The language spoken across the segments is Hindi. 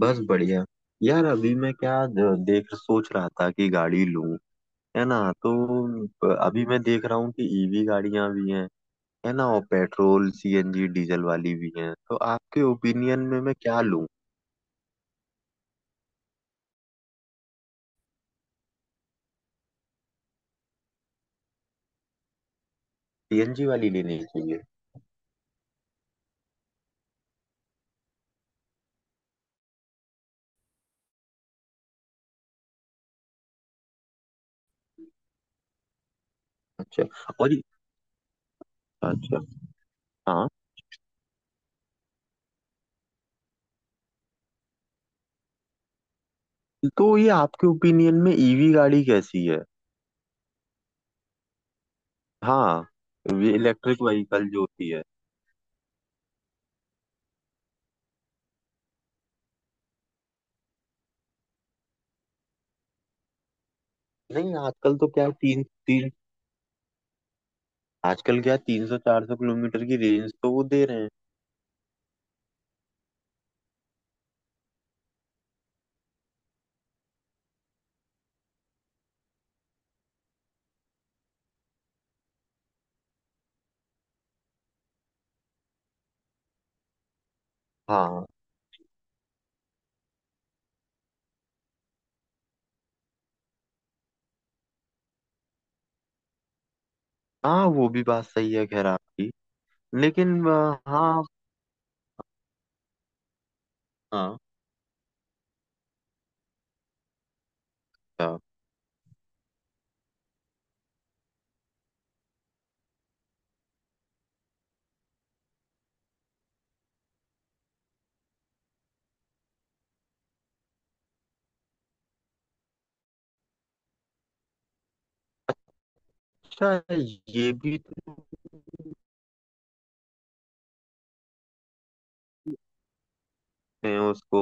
बस बढ़िया। यार अभी मैं क्या देख सोच रहा था कि गाड़ी लूं, है ना। तो अभी मैं देख रहा हूँ कि ईवी गाड़ियां भी हैं, है ना, और पेट्रोल सीएनजी डीजल वाली भी हैं। तो आपके ओपिनियन में मैं क्या लूं? सीएनजी वाली लेनी चाहिए? अच्छा। और ये- अच्छा, हाँ। तो ये आपके ओपिनियन में ईवी गाड़ी कैसी है? हाँ, इलेक्ट्रिक व्हीकल जो होती है। नहीं, आजकल क्या 300-400 किलोमीटर की रेंज तो वो दे रहे हैं। हाँ। हाँ, वो भी बात सही है, खैर आपकी। लेकिन हाँ। हाँ। अच्छा। अच्छा, ये भी तो हैं उसको,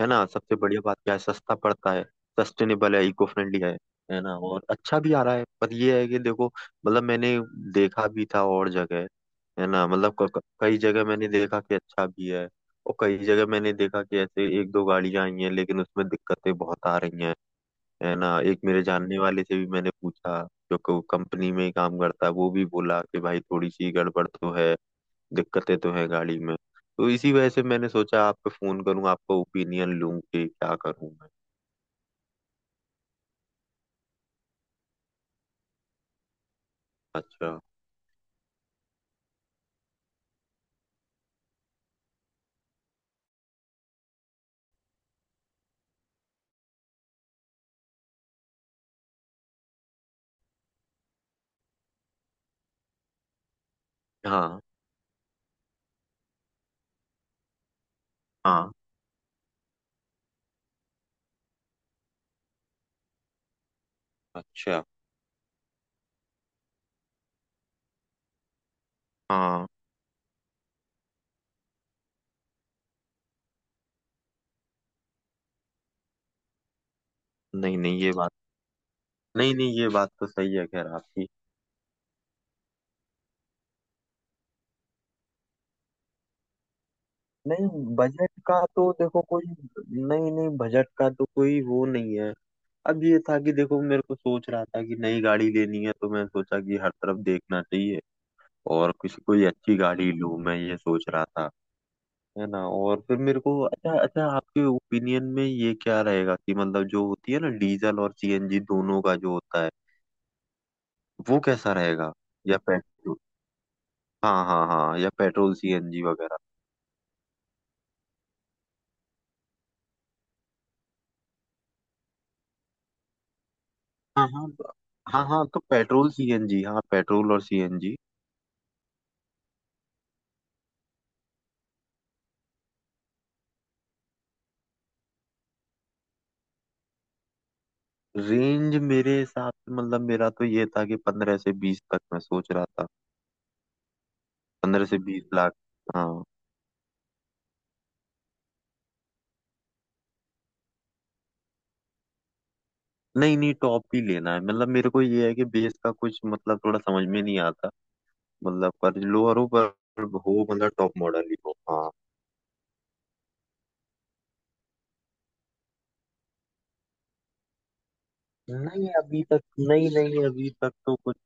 है ना। सबसे बढ़िया बात क्या है, सस्ता पड़ता है, सस्टेनेबल है, इको फ्रेंडली है ना, और अच्छा भी आ रहा है। पर ये है कि देखो, मतलब मैंने देखा भी था और जगह, है ना। मतलब कई जगह मैंने देखा कि अच्छा भी है, और कई जगह मैंने देखा कि ऐसे एक दो गाड़ियां आई हैं लेकिन उसमें दिक्कतें बहुत आ रही हैं, है ना। एक मेरे जानने वाले से भी मैंने पूछा जो कंपनी में ही काम करता है, वो भी बोला कि भाई थोड़ी सी गड़बड़ तो है, दिक्कतें तो है गाड़ी में। तो इसी वजह से मैंने सोचा आपको फोन करूं, आपका ओपिनियन लूं कि क्या करूं मैं। अच्छा। हाँ। हाँ। अच्छा। हाँ। नहीं नहीं ये बात नहीं नहीं ये बात तो सही है, खैर आपकी। नहीं बजट का तो देखो कोई नहीं नहीं बजट का तो कोई वो नहीं है। अब ये था कि देखो, मेरे को सोच रहा था कि नई गाड़ी लेनी है, तो मैं सोचा कि हर तरफ देखना चाहिए और किसी कोई अच्छी गाड़ी लूं मैं, ये सोच रहा था, है ना। और फिर मेरे को अच्छा अच्छा आपके ओपिनियन में ये क्या रहेगा कि मतलब जो होती है ना डीजल और सीएनजी दोनों का जो होता है, वो कैसा रहेगा? या पेट्रोल? हाँ, हाँ, हाँ, या पेट्रोल सीएनजी वगैरह। हाँ हाँ तो- हाँ, हाँ, तो पेट्रोल सीएनजी, हाँ, पेट्रोल और सीएनजी। रेंज मेरे हिसाब से, मतलब मेरा तो ये था कि 15 से 20 तक मैं सोच रहा था। 15 से 20 लाख। हाँ। नहीं नहीं, टॉप ही लेना है, मतलब मेरे को ये है कि बेस का कुछ मतलब थोड़ा समझ में नहीं आता, मतलब पर लोअर हो, पर हो, मतलब टॉप मॉडल ही हो, हाँ। नहीं अभी तक नहीं नहीं अभी तक तो कुछ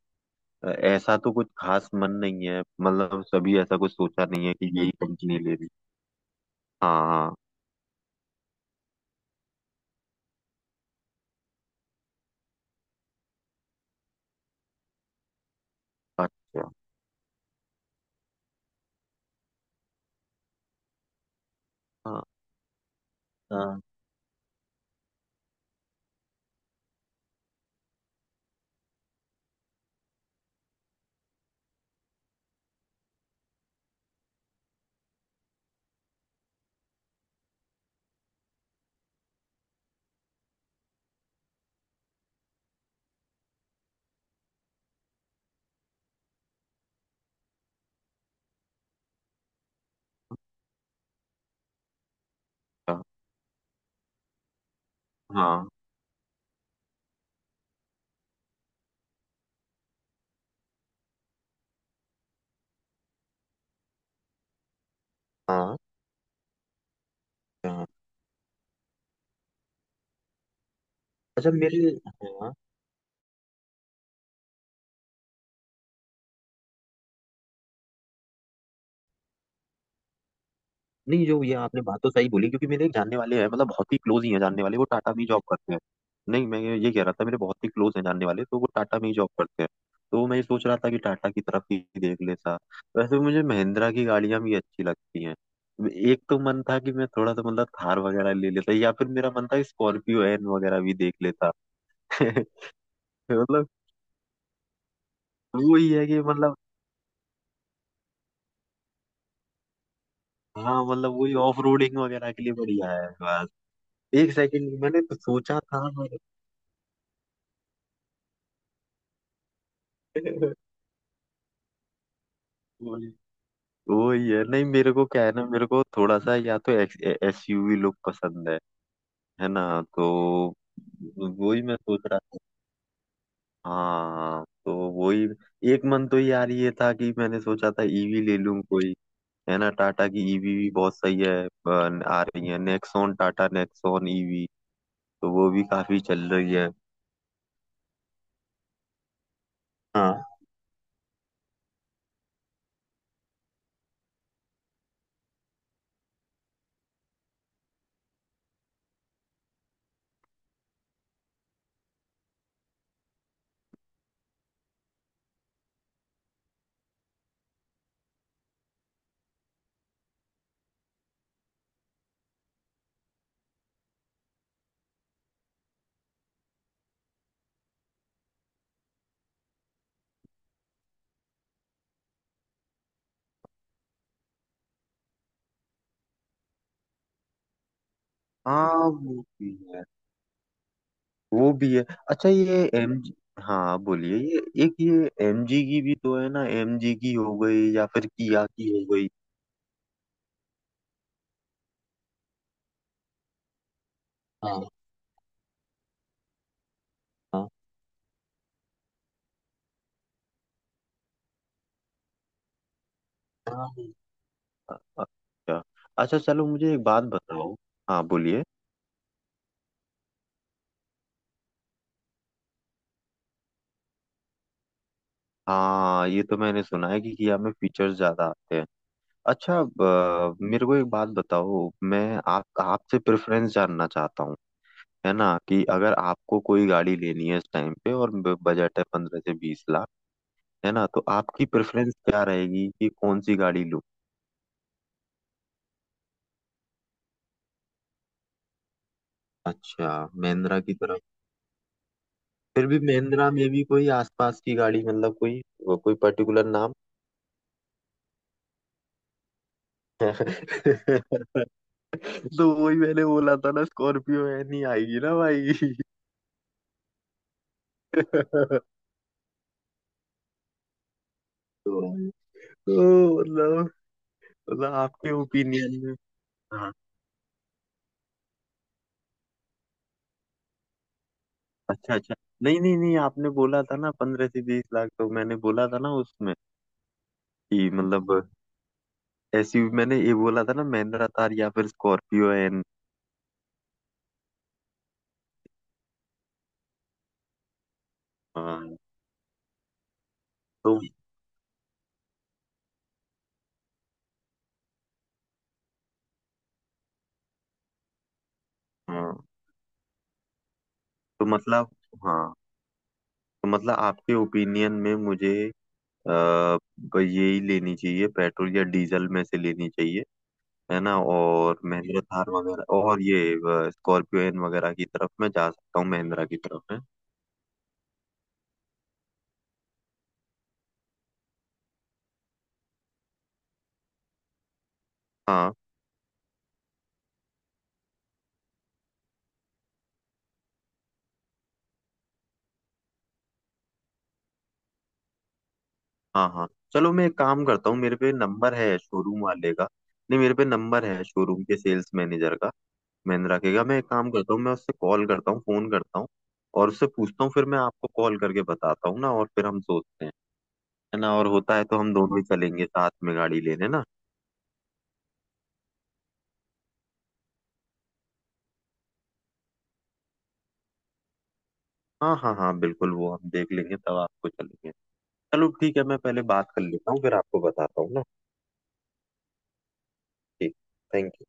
ऐसा तो कुछ खास मन नहीं है, मतलब सभी ऐसा कुछ सोचा नहीं है कि यही कंपनी ले रही। हाँ, हाँ। अच्छा हाँ हाँ हाँ हाँ हाँ। अच्छा मेरे हाँ। नहीं, जो ये आपने बात तो सही बोली, क्योंकि मेरे एक जानने वाले हैं मतलब बहुत ही क्लोज ही हैं जानने वाले, वो टाटा में जॉब करते हैं। नहीं, मैं ये कह रहा था, मेरे बहुत ही क्लोज हैं जानने वाले, तो वो टाटा में ही जॉब करते हैं। तो मैं ये सोच रहा था कि टाटा की तरफ ही देख लेता। वैसे मुझे महिंद्रा की गाड़ियां भी अच्छी लगती हैं। एक तो मन था कि मैं थोड़ा सा मतलब थार वगैरह ले लेता, या फिर मेरा मन था स्कॉर्पियो एन वगैरह भी देख लेता। मतलब वही है कि मतलब। हाँ, मतलब वही ऑफ रोडिंग वगैरह के लिए बढ़िया है बस। एक सेकंड मैंने तो सोचा था पर- वो ये नहीं, मेरे को क्या है ना, मेरे को थोड़ा सा या तो एसयूवी लुक पसंद है ना। तो वही मैं सोच रहा था, हाँ तो वही। एक मन तो यार ये था कि मैंने सोचा था ईवी ले लूं कोई, है ना। टाटा की ईवी भी बहुत सही है। आ रही है नेक्सॉन, टाटा नेक्सॉन ईवी, तो वो भी काफी चल रही है। हाँ, हाँ, वो भी है। वो भी है। अच्छा, ये एम हाँ, आप बोलिए। ये एम जी की भी तो है ना, एम जी की हो गई, या फिर किया की हो गई। हाँ, हाँ। अच्छा अच्छा, चलो मुझे एक बात बताओ। हाँ, बोलिए। हाँ, ये तो मैंने सुना है कि किया में फीचर्स ज्यादा आते हैं। अच्छा, मेरे को एक बात बताओ, मैं आप आपसे प्रेफरेंस जानना चाहता हूँ, है ना। कि अगर आपको कोई गाड़ी लेनी है इस टाइम पे, और बजट है 15 से 20 लाख, है ना, तो आपकी प्रेफरेंस क्या रहेगी कि कौन सी गाड़ी लूँ? अच्छा, महिंद्रा की तरफ। फिर भी महिंद्रा में भी कोई आसपास की गाड़ी, मतलब कोई, वो कोई पर्टिकुलर नाम? तो वही मैंने बोला था ना, स्कॉर्पियो है, नहीं आएगी ना, भाई। तो तो मतलब आपके ओपिनियन में। हाँ। अच्छा अच्छा। नहीं नहीं नहीं, आपने बोला था ना 15 से 20 लाख, तो मैंने बोला था ना उसमें, कि मतलब एसयूवी, मैंने ये बोला था ना महिंद्रा थार या फिर स्कॉर्पियो एन। हाँ तो हाँ तो मतलब हाँ, तो मतलब आपके ओपिनियन में मुझे, अ, यही लेनी चाहिए, पेट्रोल या डीजल में से लेनी चाहिए, है ना। और महिंद्रा थार वगैरह और ये स्कॉर्पियो एन वगैरह की तरफ मैं जा सकता हूँ, महिंद्रा की तरफ में। हाँ, हाँ, हाँ, चलो मैं एक काम करता हूँ, मेरे पे नंबर है शोरूम वाले का। नहीं, मेरे पे नंबर है शोरूम के सेल्स मैनेजर का, महिंद्रा के। क्या मैं एक काम करता हूँ, मैं उससे कॉल करता हूँ, फोन करता हूँ, और उससे पूछता हूँ, फिर मैं आपको कॉल करके बताता हूँ ना, और फिर हम सोचते हैं, है ना। और होता है तो हम दोनों ही चलेंगे साथ में गाड़ी लेने ना। हाँ, हाँ, हाँ, बिल्कुल, वो हम देख लेंगे, तब आपको चलेंगे। चलो ठीक है, मैं पहले बात कर लेता हूँ, फिर आपको बताता हूँ ना। ठीक। Thank you.